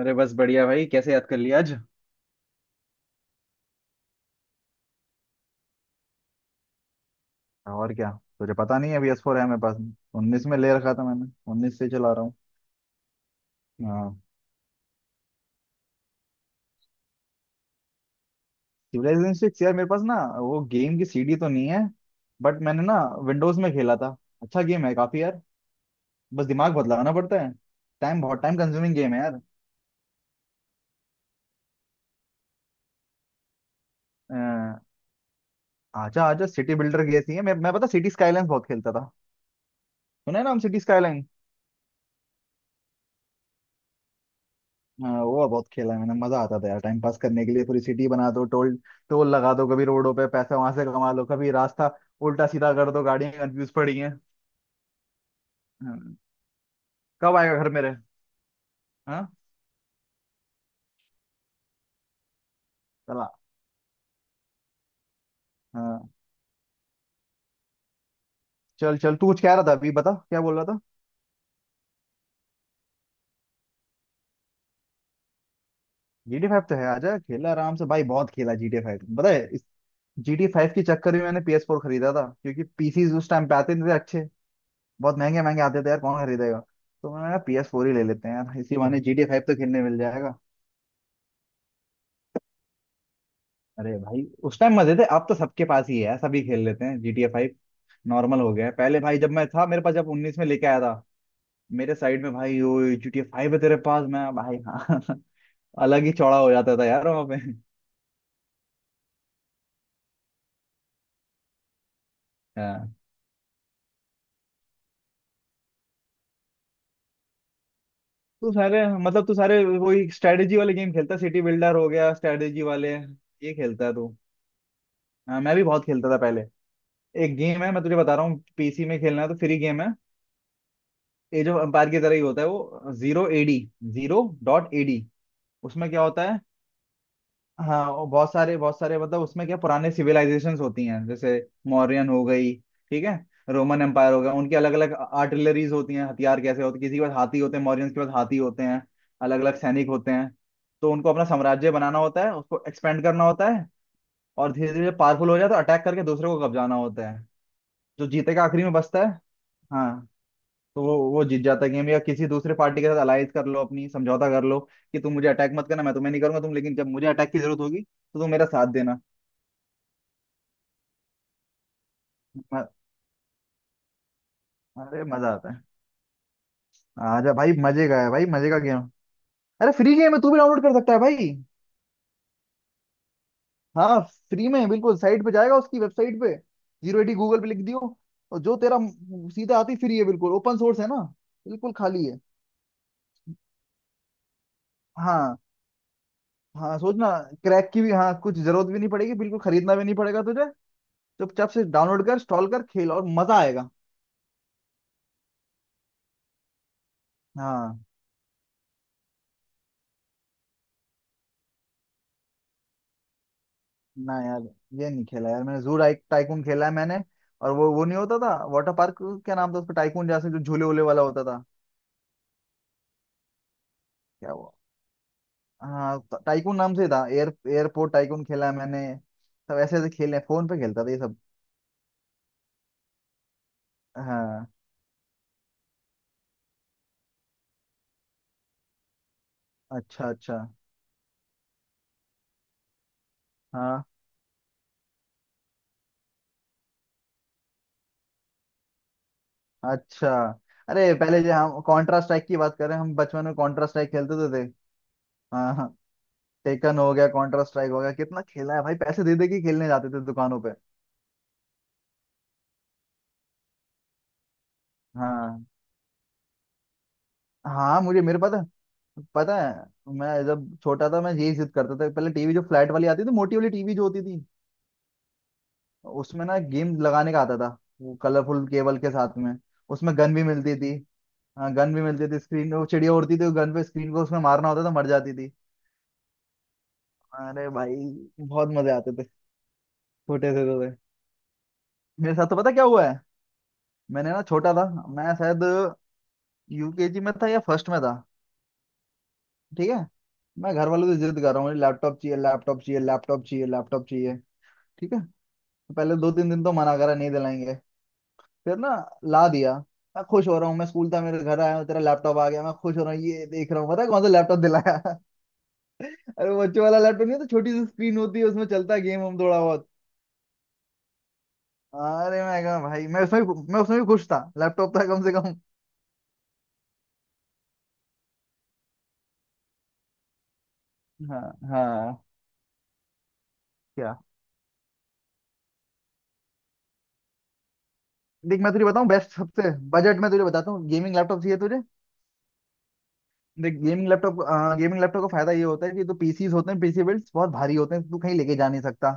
अरे बस बढ़िया भाई। कैसे याद कर लिया आज? और क्या। तुझे पता नहीं है बी एस फोर है मेरे पास। 19 में ले रखा था मैंने, 19 से चला रहा हूँ। हाँ। सिविलाइजेशन सिक्स यार मेरे पास ना वो गेम की सीडी तो नहीं है। बट मैंने ना विंडोज में खेला था। अच्छा गेम है काफी यार। बस दिमाग बहुत लगाना पड़ता है। टाइम कंज्यूमिंग गेम है यार। अ, आजा आजा। सिटी बिल्डर गेसी है। मैं पता सिटी स्काईलाइंस बहुत खेलता था। सुना है ना हम सिटी स्काईलाइन। हाँ वो बहुत खेला है मैंने। मजा आता था यार टाइम पास करने के लिए। पूरी सिटी बना दो। टोल टोल लगा दो, कभी रोडों पे पैसे वहां से कमा लो, कभी रास्ता उल्टा सीधा कर दो, गाड़ियां कंफ्यूज पड़ी हैं। हाँ। कब आएगा घर मेरे? हाँ। चला। हाँ। चल चल, तू कुछ कह रहा था अभी, बता क्या बोल रहा था। GTA 5 तो है, आजा खेला आराम से भाई। बहुत खेला GTA 5। पता है, इस GTA 5 के चक्कर में मैंने PS4 फोर खरीदा था, क्योंकि पीसी उस टाइम पे आते नहीं थे अच्छे। बहुत महंगे महंगे आते थे यार, कौन खरीदेगा। तो मैंने PS4 ही ले लेते हैं यार, इसी बहाने GTA 5 तो खेलने मिल जाएगा। अरे भाई, उस टाइम मजे थे, अब तो सबके पास ही है यार, सभी खेल लेते हैं GTA 5। नॉर्मल हो गया है। पहले भाई जब मैं था, मेरे पास जब 19 में लेके आया था, मेरे साइड में भाई, ओ GTA 5 है तेरे पास? मैं भाई हाँ अलग ही चौड़ा हो जाता था यार वहाँ पे। हाँ। तू सारे, मतलब तू सारे वही स्ट्रेटेजी वाले गेम खेलता, सिटी बिल्डर हो गया, स्ट्रेटेजी वाले ये खेलता है तू। हाँ मैं भी बहुत खेलता था पहले। एक गेम है मैं तुझे बता रहा हूँ, पीसी में खेलना है तो फ्री गेम है। एज ऑफ एम्पायर की तरह ही होता है वो, zero A D. Zero dot A D. उसमें क्या होता है, हाँ, और बहुत सारे बहुत सारे, मतलब उसमें क्या पुराने सिविलाइजेशंस होती हैं जैसे मौर्यन हो गई, ठीक है, रोमन एम्पायर हो गया। उनकी अलग अलग आर्टिलरीज होती हैं, हथियार कैसे होते, किसी के पास हाथी होते हैं, मौर्यंस के पास हाथी होते हैं, अलग अलग सैनिक होते हैं। तो उनको अपना साम्राज्य बनाना होता है, उसको एक्सपेंड करना होता है, और धीरे धीरे पावरफुल हो जाए तो अटैक करके दूसरे को कब्जाना होता है। जो जीतेगा आखिरी में बचता है, हाँ, तो वो जीत जाता है गेम। या किसी दूसरे पार्टी के साथ अलाइज कर लो अपनी, समझौता कर लो कि तुम मुझे अटैक मत करना, मैं तुम्हें नहीं करूंगा तुम, लेकिन जब मुझे अटैक की जरूरत होगी तो तुम मेरा साथ देना। म- अरे मजा आता है। आजा भाई, मजे का है भाई, मजे का गेम। अरे फ्री गेम है, तू भी डाउनलोड कर सकता है भाई। हाँ फ्री में बिल्कुल, साइट पे जाएगा उसकी, वेबसाइट पे। जीरो एटी गूगल पे लिख दियो। और जो तेरा सीधा आती, फ्री है बिल्कुल, ओपन सोर्स है ना। बिल्कुल खाली है। हाँ। हाँ सोचना, क्रैक की भी हाँ कुछ जरूरत भी नहीं पड़ेगी, बिल्कुल खरीदना भी नहीं पड़ेगा तुझे। चुपचाप से डाउनलोड कर इंस्टॉल कर खेल और मजा आएगा। हाँ। ना यार, ये नहीं खेला यार मैंने। जू टाइक टाइकून खेला है मैंने। और वो नहीं होता था वाटर पार्क, क्या नाम था उसका, टाइकून जैसे जो झूले वूले वाला होता था। क्या वो, हाँ टाइकून नाम से था। एयर एयरपोर्ट टाइकून खेला है मैंने। सब ऐसे ऐसे खेले हैं, फोन पे खेलता था ये सब। हाँ। अच्छा अच्छा। हाँ। अच्छा। अरे पहले जो, हम कॉन्ट्रा स्ट्राइक की बात करें, हम बचपन में कॉन्ट्रा स्ट्राइक खेलते तो थे। हाँ हाँ। टेकन हो गया, कॉन्ट्रा स्ट्राइक हो गया, कितना खेला है भाई, पैसे दे दे के खेलने जाते थे दुकानों पे। हाँ हाँ मुझे, मेरे पास तो पता है, मैं जब छोटा था मैं यही जिद करता था, पहले टीवी जो फ्लैट वाली आती थी, मोटी वाली टीवी जो होती थी, उसमें ना गेम लगाने का आता था, वो कलरफुल केबल के साथ में। उसमें गन भी मिलती थी। हाँ गन भी मिलती थी, स्क्रीन वो चिड़िया उड़ती थी, गन पे स्क्रीन को उसमें मारना होता था, मर जाती थी। अरे भाई बहुत मजे आते थे, छोटे से तो थे। मेरे साथ तो पता क्या हुआ है, मैंने ना छोटा था मैं, शायद यूकेजी में था या फर्स्ट में था, ठीक है, मैं घर वालों से जिद कर रहा हूँ, लैपटॉप चाहिए लैपटॉप चाहिए लैपटॉप चाहिए लैपटॉप चाहिए, ठीक है, पहले दो तीन दिन तो मना करा, नहीं दिलाएंगे, फिर ना ला दिया। मैं खुश हो रहा हूँ, मैं स्कूल था, मेरे घर आया हूँ, तेरा लैपटॉप आ गया, मैं खुश हो रहा हूँ, ये देख रहा हूँ पता है कौन सा लैपटॉप दिलाया। अरे वो बच्चों वाला लैपटॉप, नहीं तो छोटी सी स्क्रीन होती है, उसमें चलता है गेम हम थोड़ा बहुत। अरे मैं कहा भाई, मैं मैं उसमें भी खुश था, लैपटॉप था कम से कम। हाँ हाँ। क्या? देख मैं तुझे बताऊँ, बेस्ट सबसे बजट में तुझे बताता हूँ, गेमिंग लैपटॉप चाहिए तुझे? देख गेमिंग लैपटॉप, गेमिंग लैपटॉप का फायदा ये होता है कि तो पीसीज होते हैं, पीसी बिल्ड्स बहुत भारी होते हैं, तू कहीं लेके जा नहीं सकता।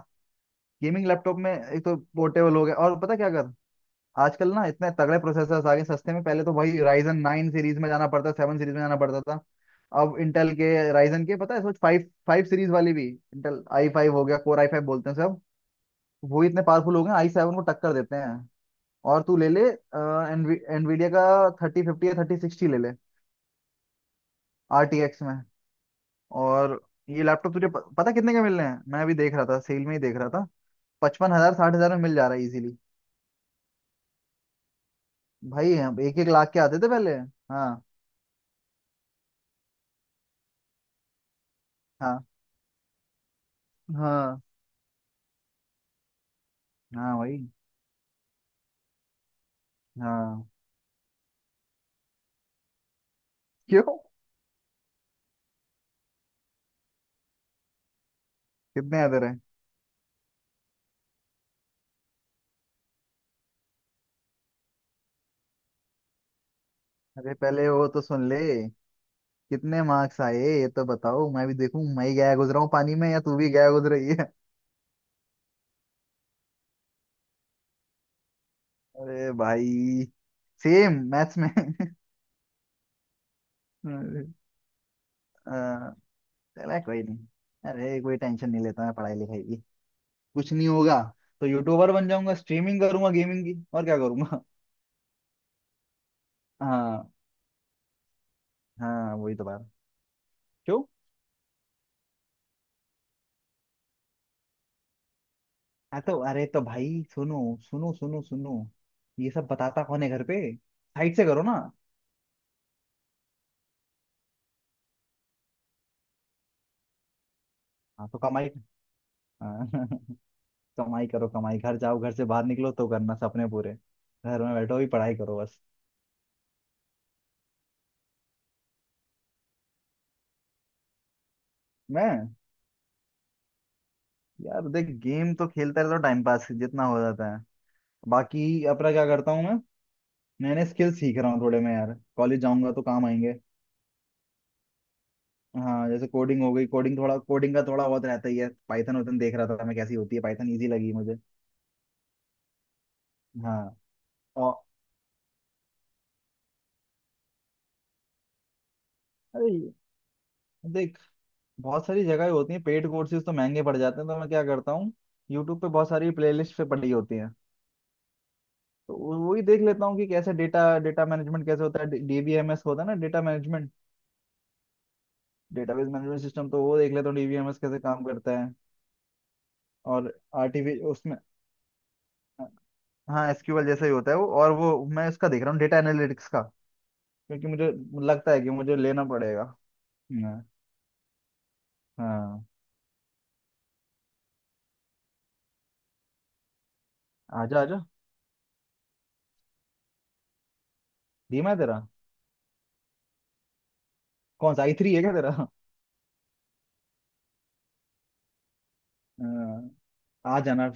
गेमिंग लैपटॉप में एक तो पोर्टेबल हो गया, और पता क्या कर, आजकल ना इतने तगड़े प्रोसेसर्स आ गए सस्ते में। पहले तो भाई राइजन नाइन सीरीज में जाना पड़ता, सेवन सीरीज में जाना पड़ता था। अब इंटेल के, राइजन के, पता है सोच फाइव फाइव सीरीज वाली भी, इंटेल आई फाइव हो गया, कोर आई फाइव बोलते हैं सब। वो इतने पावरफुल हो गए आई सेवन को टक्कर देते हैं। और तू ले ले एनवीडिया का थर्टी फिफ्टी या थर्टी सिक्सटी ले ले, आर टी एक्स में। और ये लैपटॉप तुझे पता कितने के मिल रहे हैं, मैं अभी देख रहा था, सेल में ही देख रहा था। 55 हजार 60 हजार में मिल जा रहा है इजीली। भाई हम 1-1 लाख के आते थे पहले। हाँ हाँ हाँ हाँ भाई हाँ। क्यों? कितने आते रहे? अरे पहले वो तो सुन ले, कितने मार्क्स आए ये तो बताओ, मैं भी देखूं, मैं ही गया गुजरा हूँ पानी में या तू भी गया गुजर रही है। अरे भाई सेम मैथ्स में। अरे, अ, चला कोई नहीं। अरे कोई टेंशन नहीं लेता मैं पढ़ाई लिखाई की, कुछ नहीं होगा। तो यूट्यूबर बन जाऊंगा, स्ट्रीमिंग करूंगा गेमिंग की, और क्या करूंगा। हाँ। हाँ वही तो बात। क्यों? हाँ तो अरे तो भाई सुनो सुनो सुनो सुनो, ये सब बताता कौन है घर पे, साइड से करो ना। हाँ तो कमाई, हाँ, कमाई करो कमाई, घर जाओ, घर से बाहर निकलो तो करना सपने पूरे, घर में बैठो भी पढ़ाई करो बस। मैं, यार देख गेम तो खेलता रहता हूँ, टाइम पास जितना हो जाता है। बाकी अपना क्या करता हूँ मैं, नए नए स्किल सीख रहा हूँ थोड़े मैं, यार कॉलेज जाऊंगा तो काम आएंगे। हाँ जैसे कोडिंग हो गई, कोडिंग थोड़ा कोडिंग का थोड़ा बहुत रहता ही है, पाइथन वाइथन देख रहा था मैं कैसी होती है, पाइथन इजी लगी मुझे। हाँ और अरे देख, बहुत सारी जगह होती है पेड कोर्सेज, तो महंगे पड़ जाते हैं, तो मैं क्या करता हूँ, यूट्यूब पे बहुत सारी प्लेलिस्ट पे पड़ी होती हैं। तो वही देख लेता हूँ कि कैसे डेटा, डेटा मैनेजमेंट कैसे होता है, डीबीएमएस होता है ना, data management, database management system. तो वो देख लेता हूँ डीबीएमएस कैसे काम करता है और आरटीवी उसमें। हाँ एसक्यूएल जैसा ही होता है वो। और वो मैं उसका देख रहा हूँ डेटा एनालिटिक्स का, क्योंकि मुझे लगता है कि मुझे लेना पड़ेगा। हाँ। हाँ, आजा आजा। धीमा है तेरा? कौन सा आई थ्री है क्या तेरा? हाँ, आ जाना।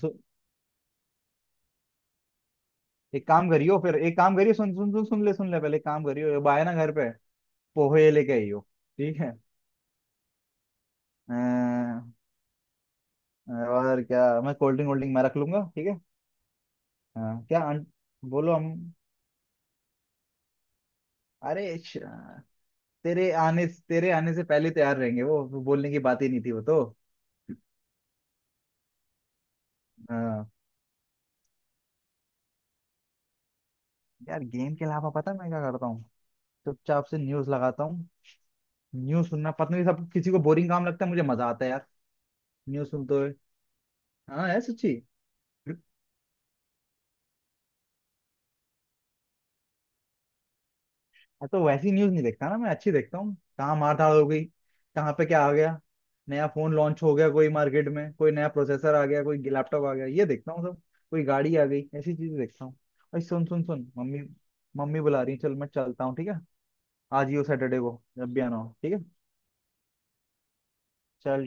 एक काम करियो, फिर एक काम करियो, सुन सुन सुन सुन ले सुन ले, पहले एक काम करियो, अब आए ना घर पे, पोहे लेके आइयो ठीक है। अ, और क्या, मैं कोल्ड ड्रिंक वोल्ड ड्रिंक मैं रख लूंगा, ठीक है। अ, क्या आंट- बोलो हम, अरे श- तेरे आने, तेरे आने से पहले तैयार रहेंगे वो बोलने की बात ही नहीं थी वो तो। हाँ। यार गेम के अलावा पता है मैं क्या करता हूँ, चुपचाप से न्यूज लगाता हूँ। न्यूज सुनना, पता नहीं सब किसी को बोरिंग काम लगता है, मुझे मजा आता है यार न्यूज सुनते हुए। हाँ है सच्ची। मैं तो वैसी न्यूज नहीं देखता ना मैं, अच्छी देखता हूँ, कहाँ मार धाड़ हो गई, कहाँ पे क्या आ गया, नया फोन लॉन्च हो गया कोई मार्केट में, कोई नया प्रोसेसर आ गया, कोई लैपटॉप आ गया, ये देखता हूँ सब, कोई गाड़ी आ गई, ऐसी चीजें देखता हूँ भाई। सुन सुन सुन, मम्मी मम्मी बुला रही है, चल मैं चलता हूँ, ठीक है, आज ही हो, सैटरडे को, जब भी आना हो, ठीक है चल।